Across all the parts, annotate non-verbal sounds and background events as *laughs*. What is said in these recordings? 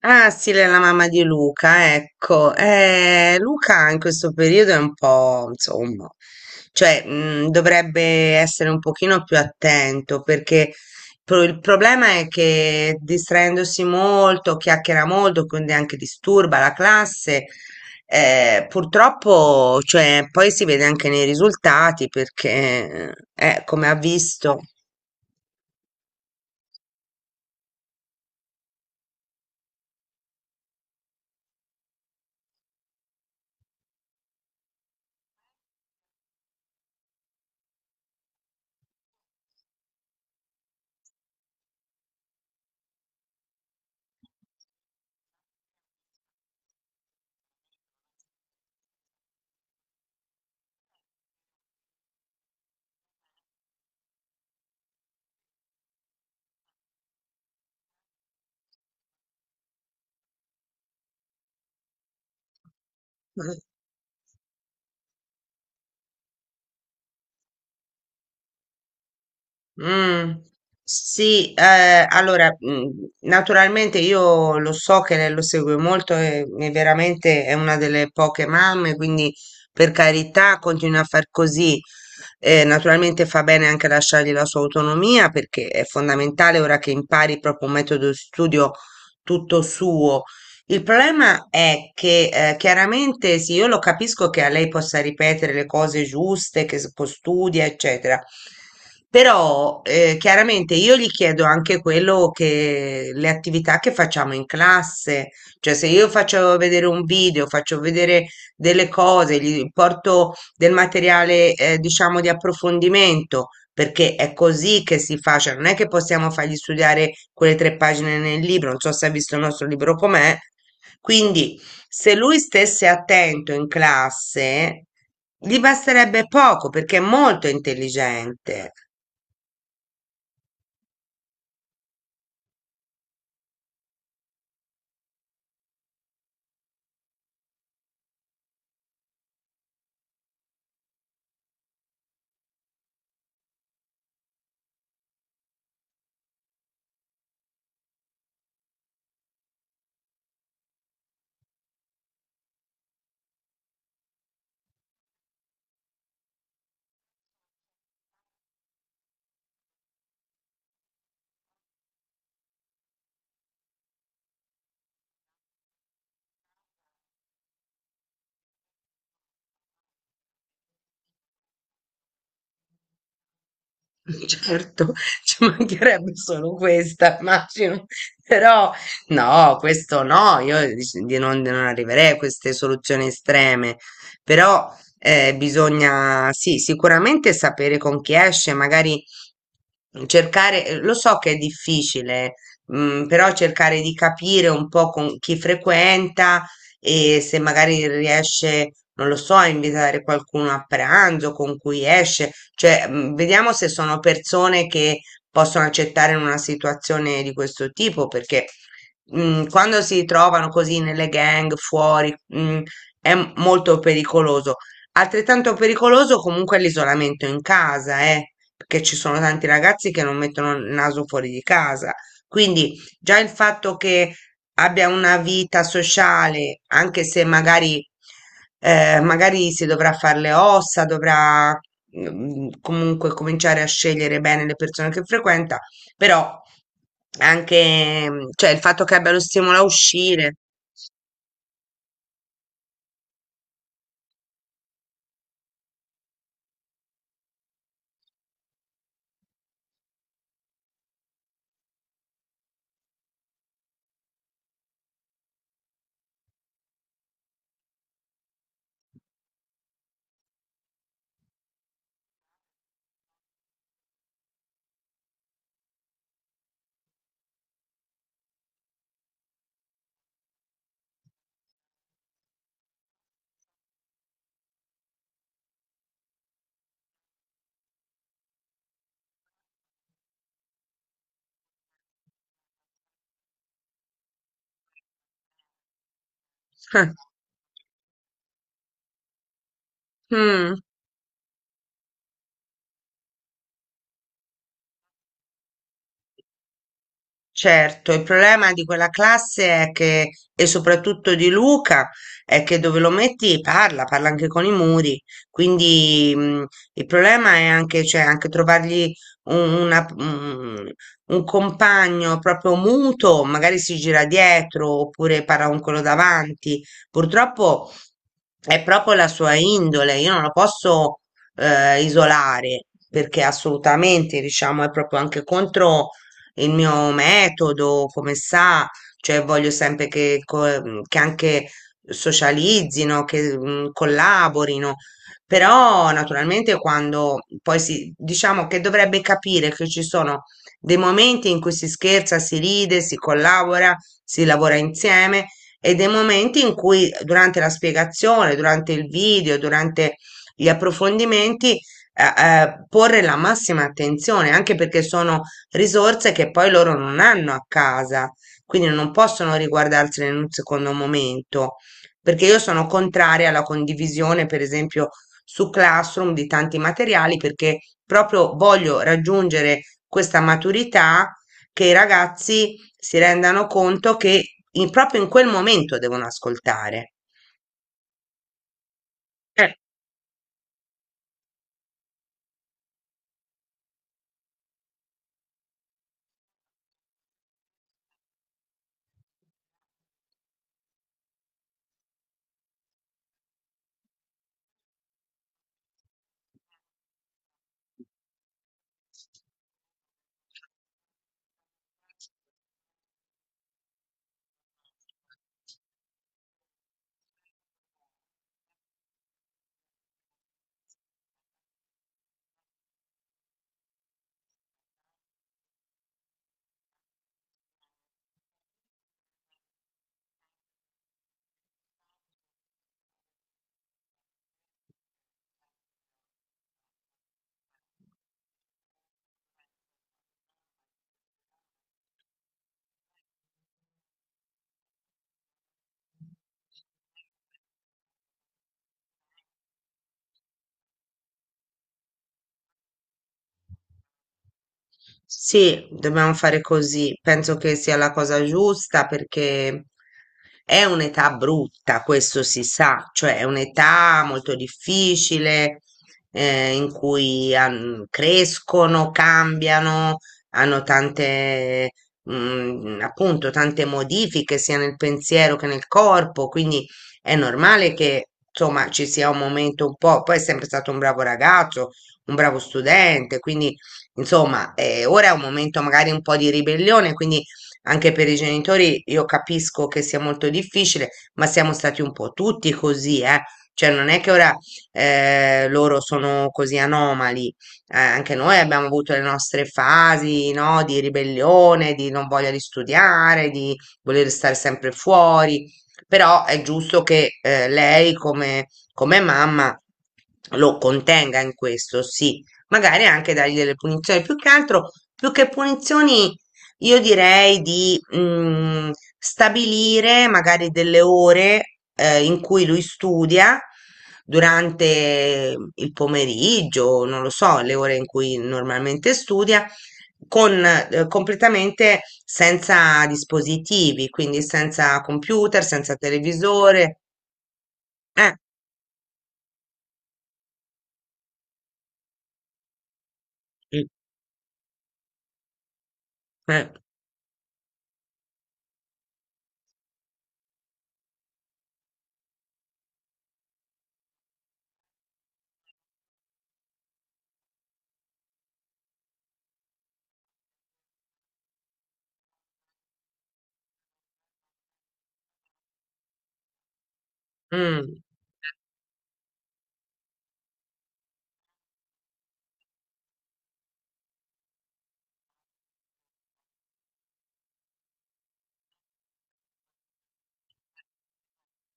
Ah, sì, lei è la mamma di Luca, ecco. Luca in questo periodo è un po', insomma, cioè, dovrebbe essere un pochino più attento perché il problema è che distraendosi molto, chiacchiera molto, quindi anche disturba la classe, purtroppo, cioè, poi si vede anche nei risultati perché, come ha visto. Mm, sì, allora, naturalmente io lo so che lei lo segue molto e veramente è una delle poche mamme, quindi per carità continua a far così. Naturalmente fa bene anche lasciargli la sua autonomia perché è fondamentale ora che impari proprio un metodo di studio tutto suo. Il problema è che chiaramente sì, io lo capisco che a lei possa ripetere le cose giuste, che studia, eccetera, però chiaramente io gli chiedo anche quello che le attività che facciamo in classe, cioè se io faccio vedere un video, faccio vedere delle cose, gli porto del materiale diciamo di approfondimento, perché è così che si fa, cioè non è che possiamo fargli studiare quelle tre pagine nel libro, non so se ha visto il nostro libro com'è, quindi, se lui stesse attento in classe, gli basterebbe poco perché è molto intelligente. Certo, *laughs* ci mancherebbe solo questa, immagino, però no, questo no, io di non arriverei a queste soluzioni estreme, però bisogna, sì, sicuramente sapere con chi esce, magari cercare, lo so che è difficile, però cercare di capire un po' con chi frequenta e se magari riesce, non lo so, a invitare qualcuno a pranzo con cui esce, cioè, vediamo se sono persone che possono accettare in una situazione di questo tipo, perché quando si trovano così nelle gang fuori, è molto pericoloso. Altrettanto pericoloso comunque è l'isolamento in casa, perché ci sono tanti ragazzi che non mettono il naso fuori di casa. Quindi già il fatto che abbia una vita sociale, anche se magari, magari si dovrà fare le ossa, dovrà comunque cominciare a scegliere bene le persone che frequenta, però anche, cioè, il fatto che abbia lo stimolo a uscire. *laughs* Mm. Certo, il problema di quella classe è che, e soprattutto di Luca, è che dove lo metti parla, parla anche con i muri. Quindi, il problema è anche, cioè, anche trovargli un, una- un- un compagno proprio muto, magari si gira dietro oppure parla con quello davanti. Purtroppo è proprio la sua indole, io non lo posso, isolare perché assolutamente, diciamo, è proprio anche contro il mio metodo, come sa, cioè voglio sempre che, che anche socializzino, che collaborino, però naturalmente quando poi si, diciamo che dovrebbe capire che ci sono dei momenti in cui si scherza, si ride, si collabora, si lavora insieme e dei momenti in cui durante la spiegazione, durante il video, durante gli approfondimenti, porre la massima attenzione, anche perché sono risorse che poi loro non hanno a casa, quindi non possono riguardarsene in un secondo momento, perché io sono contraria alla condivisione, per esempio, su Classroom di tanti materiali, perché proprio voglio raggiungere questa maturità che i ragazzi si rendano conto che proprio in quel momento devono ascoltare. Sì, dobbiamo fare così. Penso che sia la cosa giusta perché è un'età brutta, questo si sa, cioè è un'età molto difficile in cui crescono, cambiano, hanno tante, appunto, tante modifiche sia nel pensiero che nel corpo, quindi è normale che insomma ci sia un momento un po'. Poi è sempre stato un bravo ragazzo, un bravo studente, quindi insomma, ora è un momento magari un po' di ribellione, quindi anche per i genitori io capisco che sia molto difficile, ma siamo stati un po' tutti così, eh. Cioè, non è che ora loro sono così anomali. Anche noi abbiamo avuto le nostre fasi, no, di ribellione, di non voglia di studiare, di voler stare sempre fuori. Però è giusto che lei, come, come mamma, lo contenga in questo, sì magari anche dargli delle punizioni. Più che altro, più che punizioni, io direi di stabilire magari delle ore in cui lui studia durante il pomeriggio, non lo so, le ore in cui normalmente studia, con completamente senza dispositivi, quindi senza computer, senza televisore. Eh, mm, eh, mm,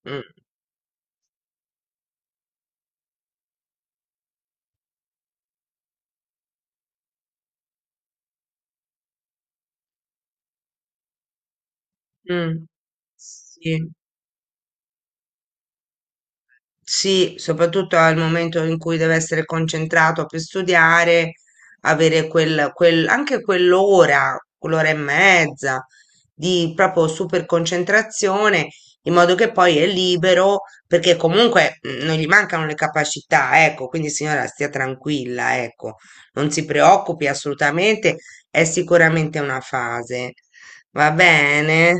mm, mm. Sì. Sì, soprattutto al momento in cui deve essere concentrato per studiare, avere quel, anche quell'ora, quell'ora e mezza di proprio super concentrazione, in modo che poi è libero, perché comunque non gli mancano le capacità, ecco, quindi signora stia tranquilla, ecco, non si preoccupi assolutamente, è sicuramente una fase. Va bene?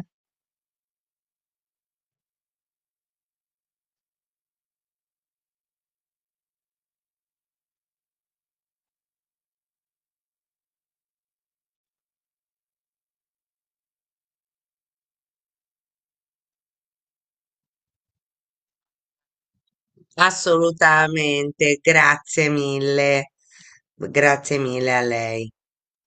Assolutamente, grazie mille. Grazie mille a lei.